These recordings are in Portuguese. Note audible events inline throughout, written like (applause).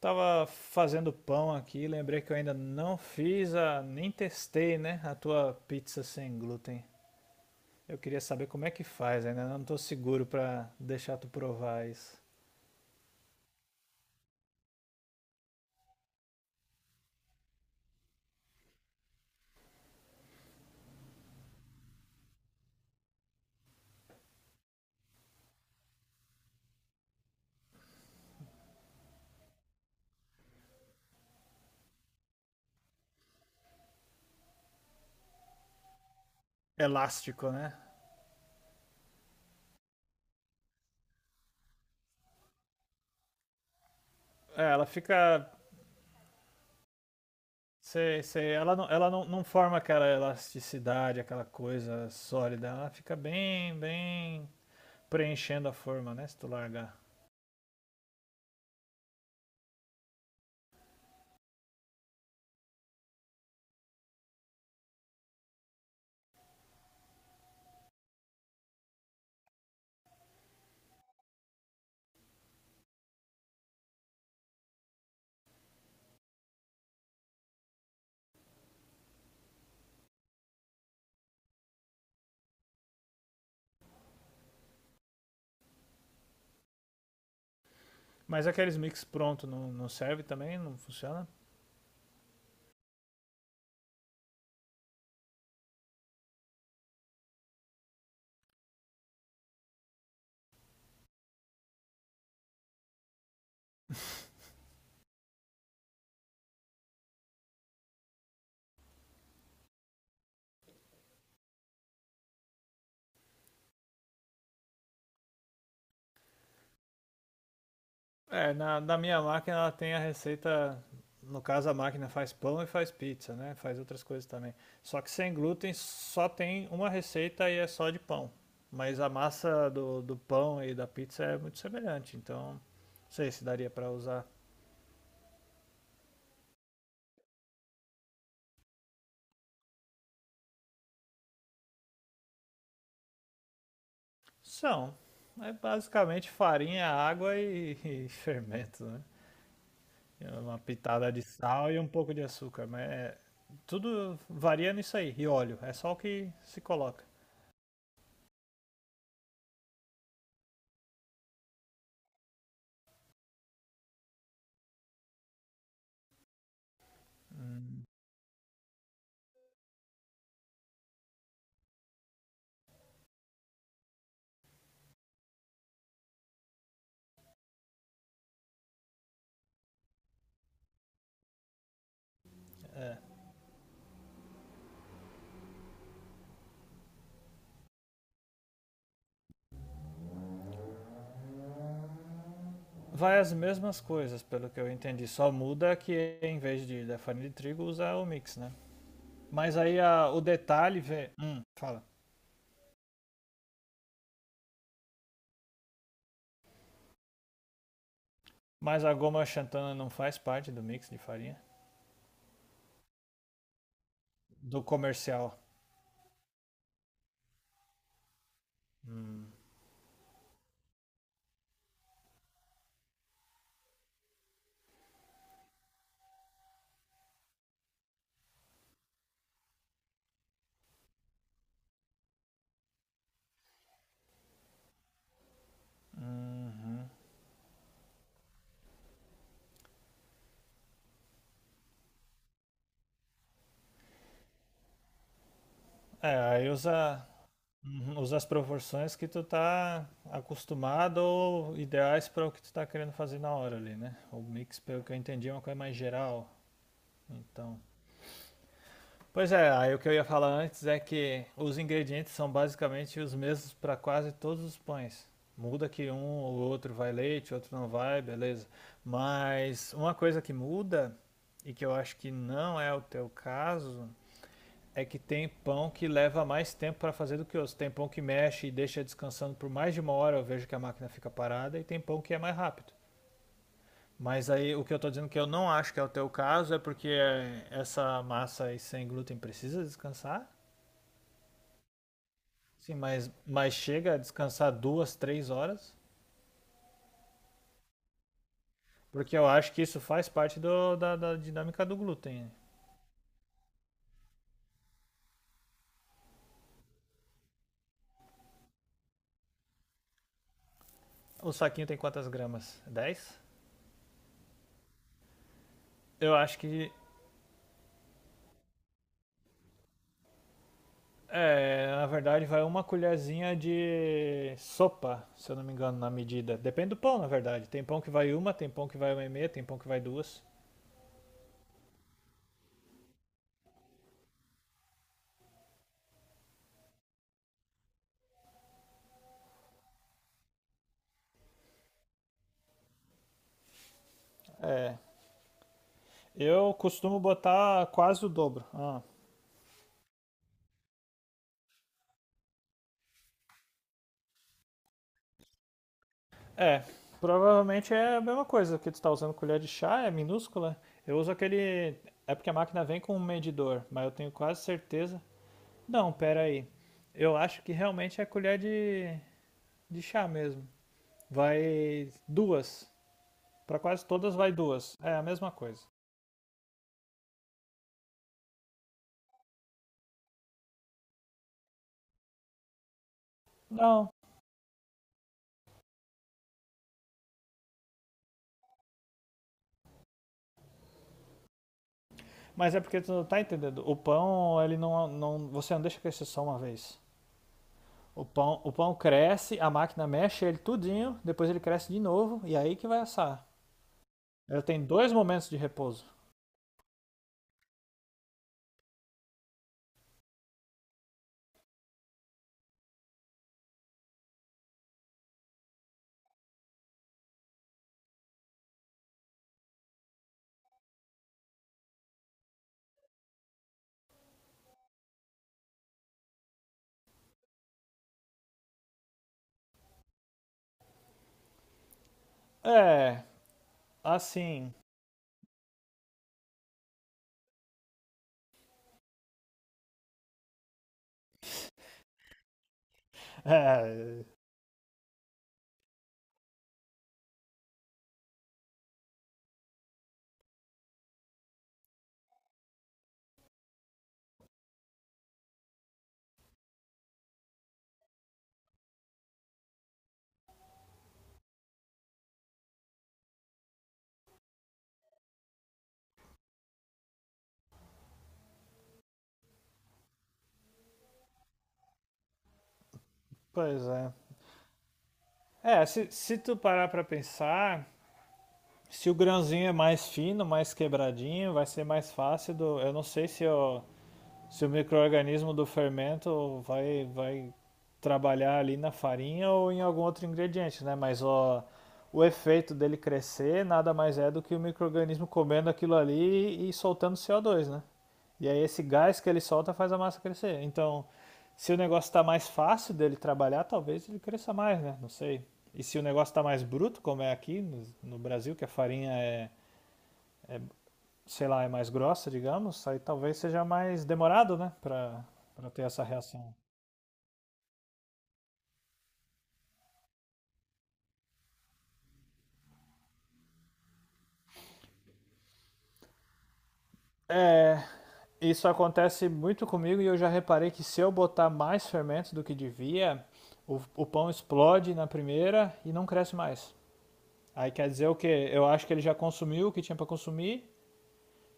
Tava fazendo pão aqui, lembrei que eu ainda não fiz nem testei, né, a tua pizza sem glúten. Eu queria saber como é que faz, ainda não tô seguro pra deixar tu provar isso. Elástico, né? É, ela fica, sei, sei, ela não, não forma aquela elasticidade, aquela coisa sólida, ela fica bem, bem preenchendo a forma, né, se tu largar. Mas aqueles mix pronto não serve também? Não funciona? É, na minha máquina ela tem a receita. No caso, a máquina faz pão e faz pizza, né? Faz outras coisas também. Só que sem glúten só tem uma receita e é só de pão. Mas a massa do pão e da pizza é muito semelhante, então não sei se daria para usar. São. É basicamente farinha, água e, (laughs) e fermento, né? E uma pitada de sal e um pouco de açúcar, mas é, tudo varia nisso aí. E óleo, é só o que se coloca. Vai as mesmas coisas, pelo que eu entendi. Só muda que em vez de da farinha de trigo usa o mix, né? Mas o detalhe vê. Fala. Mas a goma xantana não faz parte do mix de farinha? Do comercial. Hum, uhum. É, aí usa, uhum, usa as proporções que tu tá acostumado ou ideais para o que tu tá querendo fazer na hora ali, né? O mix, pelo que eu entendi, é uma coisa mais geral. Então. Pois é, aí o que eu ia falar antes é que os ingredientes são basicamente os mesmos para quase todos os pães. Muda que um ou outro vai leite, outro não vai, beleza. Mas uma coisa que muda, e que eu acho que não é o teu caso, é que tem pão que leva mais tempo para fazer do que outros. Tem pão que mexe e deixa descansando por mais de uma hora, eu vejo que a máquina fica parada, e tem pão que é mais rápido. Mas aí o que eu estou dizendo que eu não acho que é o teu caso é porque essa massa aí sem glúten precisa descansar. Sim, mas chega a descansar duas, três horas, porque eu acho que isso faz parte da dinâmica do glúten. O saquinho tem quantas gramas? Dez. Eu acho que, é, na verdade, vai uma colherzinha de sopa, se eu não me engano, na medida. Depende do pão, na verdade. Tem pão que vai uma, tem pão que vai uma e meia, tem pão que vai duas. É, eu costumo botar quase o dobro. Ah, é, provavelmente é a mesma coisa que tu tá usando colher de chá, é minúscula. Eu uso aquele. É porque a máquina vem com um medidor, mas eu tenho quase certeza. Não, pera aí. Eu acho que realmente é colher de chá mesmo. Vai duas. Pra quase todas vai duas. É a mesma coisa. Não, mas é porque tu não tá entendendo. O pão, ele não, não, você não deixa crescer só uma vez. O pão cresce, a máquina mexe ele tudinho, depois ele cresce de novo e aí que vai assar. Ele tem dois momentos de repouso. É, assim. É, pois é. É, se tu parar pra pensar, se o grãozinho é mais fino, mais quebradinho, vai ser mais fácil do. Eu não sei se eu. Se o microorganismo do fermento vai trabalhar ali na farinha ou em algum outro ingrediente, né? Mas ó, o efeito dele crescer nada mais é do que o microorganismo comendo aquilo ali e soltando CO2, né? E aí esse gás que ele solta faz a massa crescer. Então, se o negócio está mais fácil dele trabalhar, talvez ele cresça mais, né? Não sei. E se o negócio está mais bruto, como é aqui no Brasil, que a farinha é sei lá, é mais grossa, digamos, aí talvez seja mais demorado, né, pra, pra ter essa reação. É, isso acontece muito comigo e eu já reparei que se eu botar mais fermento do que devia, o pão explode na primeira e não cresce mais. Aí quer dizer o quê? Eu acho que ele já consumiu o que tinha pra consumir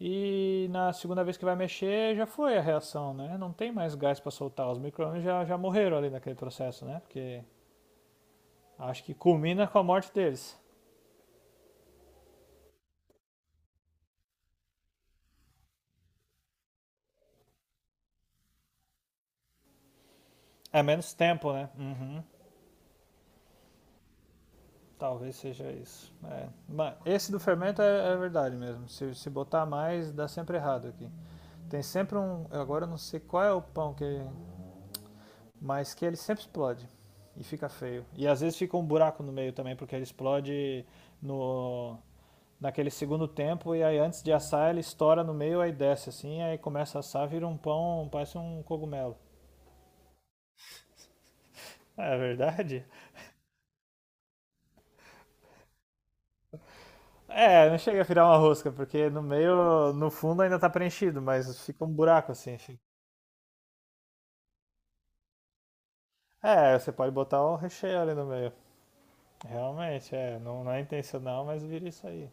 e na segunda vez que vai mexer já foi a reação, né? Não tem mais gás pra soltar, os micro-ondas já morreram ali naquele processo, né? Porque acho que culmina com a morte deles. É menos tempo, né? Uhum. Talvez seja isso. É. Mas esse do fermento é verdade mesmo. Se botar mais, dá sempre errado aqui. Tem sempre um. Agora eu não sei qual é o pão que. Mas que ele sempre explode. E fica feio. E às vezes fica um buraco no meio também, porque ele explode no naquele segundo tempo. E aí antes de assar, ele estoura no meio, aí desce assim, aí começa a assar, vira um pão, parece um cogumelo. É verdade? É, não chega a virar uma rosca, porque no meio, no fundo ainda tá preenchido, mas fica um buraco assim. Fica. É, você pode botar um recheio ali no meio. Realmente, é, não, não é intencional, mas vira isso aí.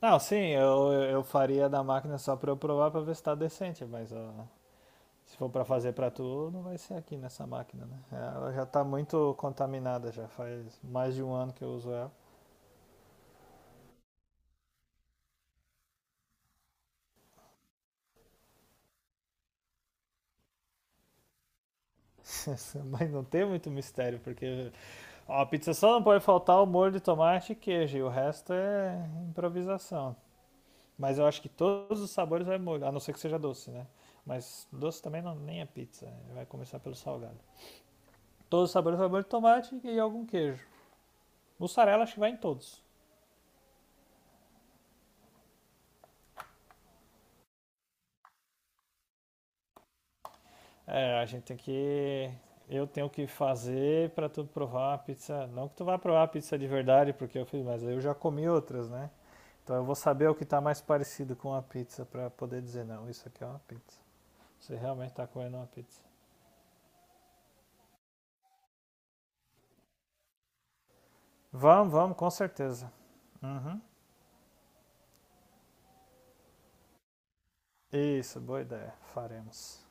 Não, sim, eu faria da máquina só pra eu provar pra ver se tá decente, mas ó, se for pra fazer pra tu, não vai ser aqui nessa máquina, né? É, ela já tá muito contaminada, já faz mais de um ano que eu uso ela. (laughs) Mas não tem muito mistério, porque ó, a pizza só não pode faltar o molho de tomate e queijo, e o resto é improvisação. Mas eu acho que todos os sabores vai molho, a não ser que seja doce, né? Mas doce também não, nem é pizza, né? Vai começar pelo salgado. Todos os sabores vai molho de tomate e algum queijo. Mussarela acho que vai em todos. É, a gente tem que eu tenho que fazer para tu provar uma pizza. Não que tu vá provar a pizza de verdade, porque eu fiz, mas eu já comi outras, né? Então eu vou saber o que tá mais parecido com a pizza para poder dizer, não, isso aqui é uma pizza. Você realmente está comendo uma pizza. Vamos, vamos, com certeza. Uhum. Isso, boa ideia. Faremos.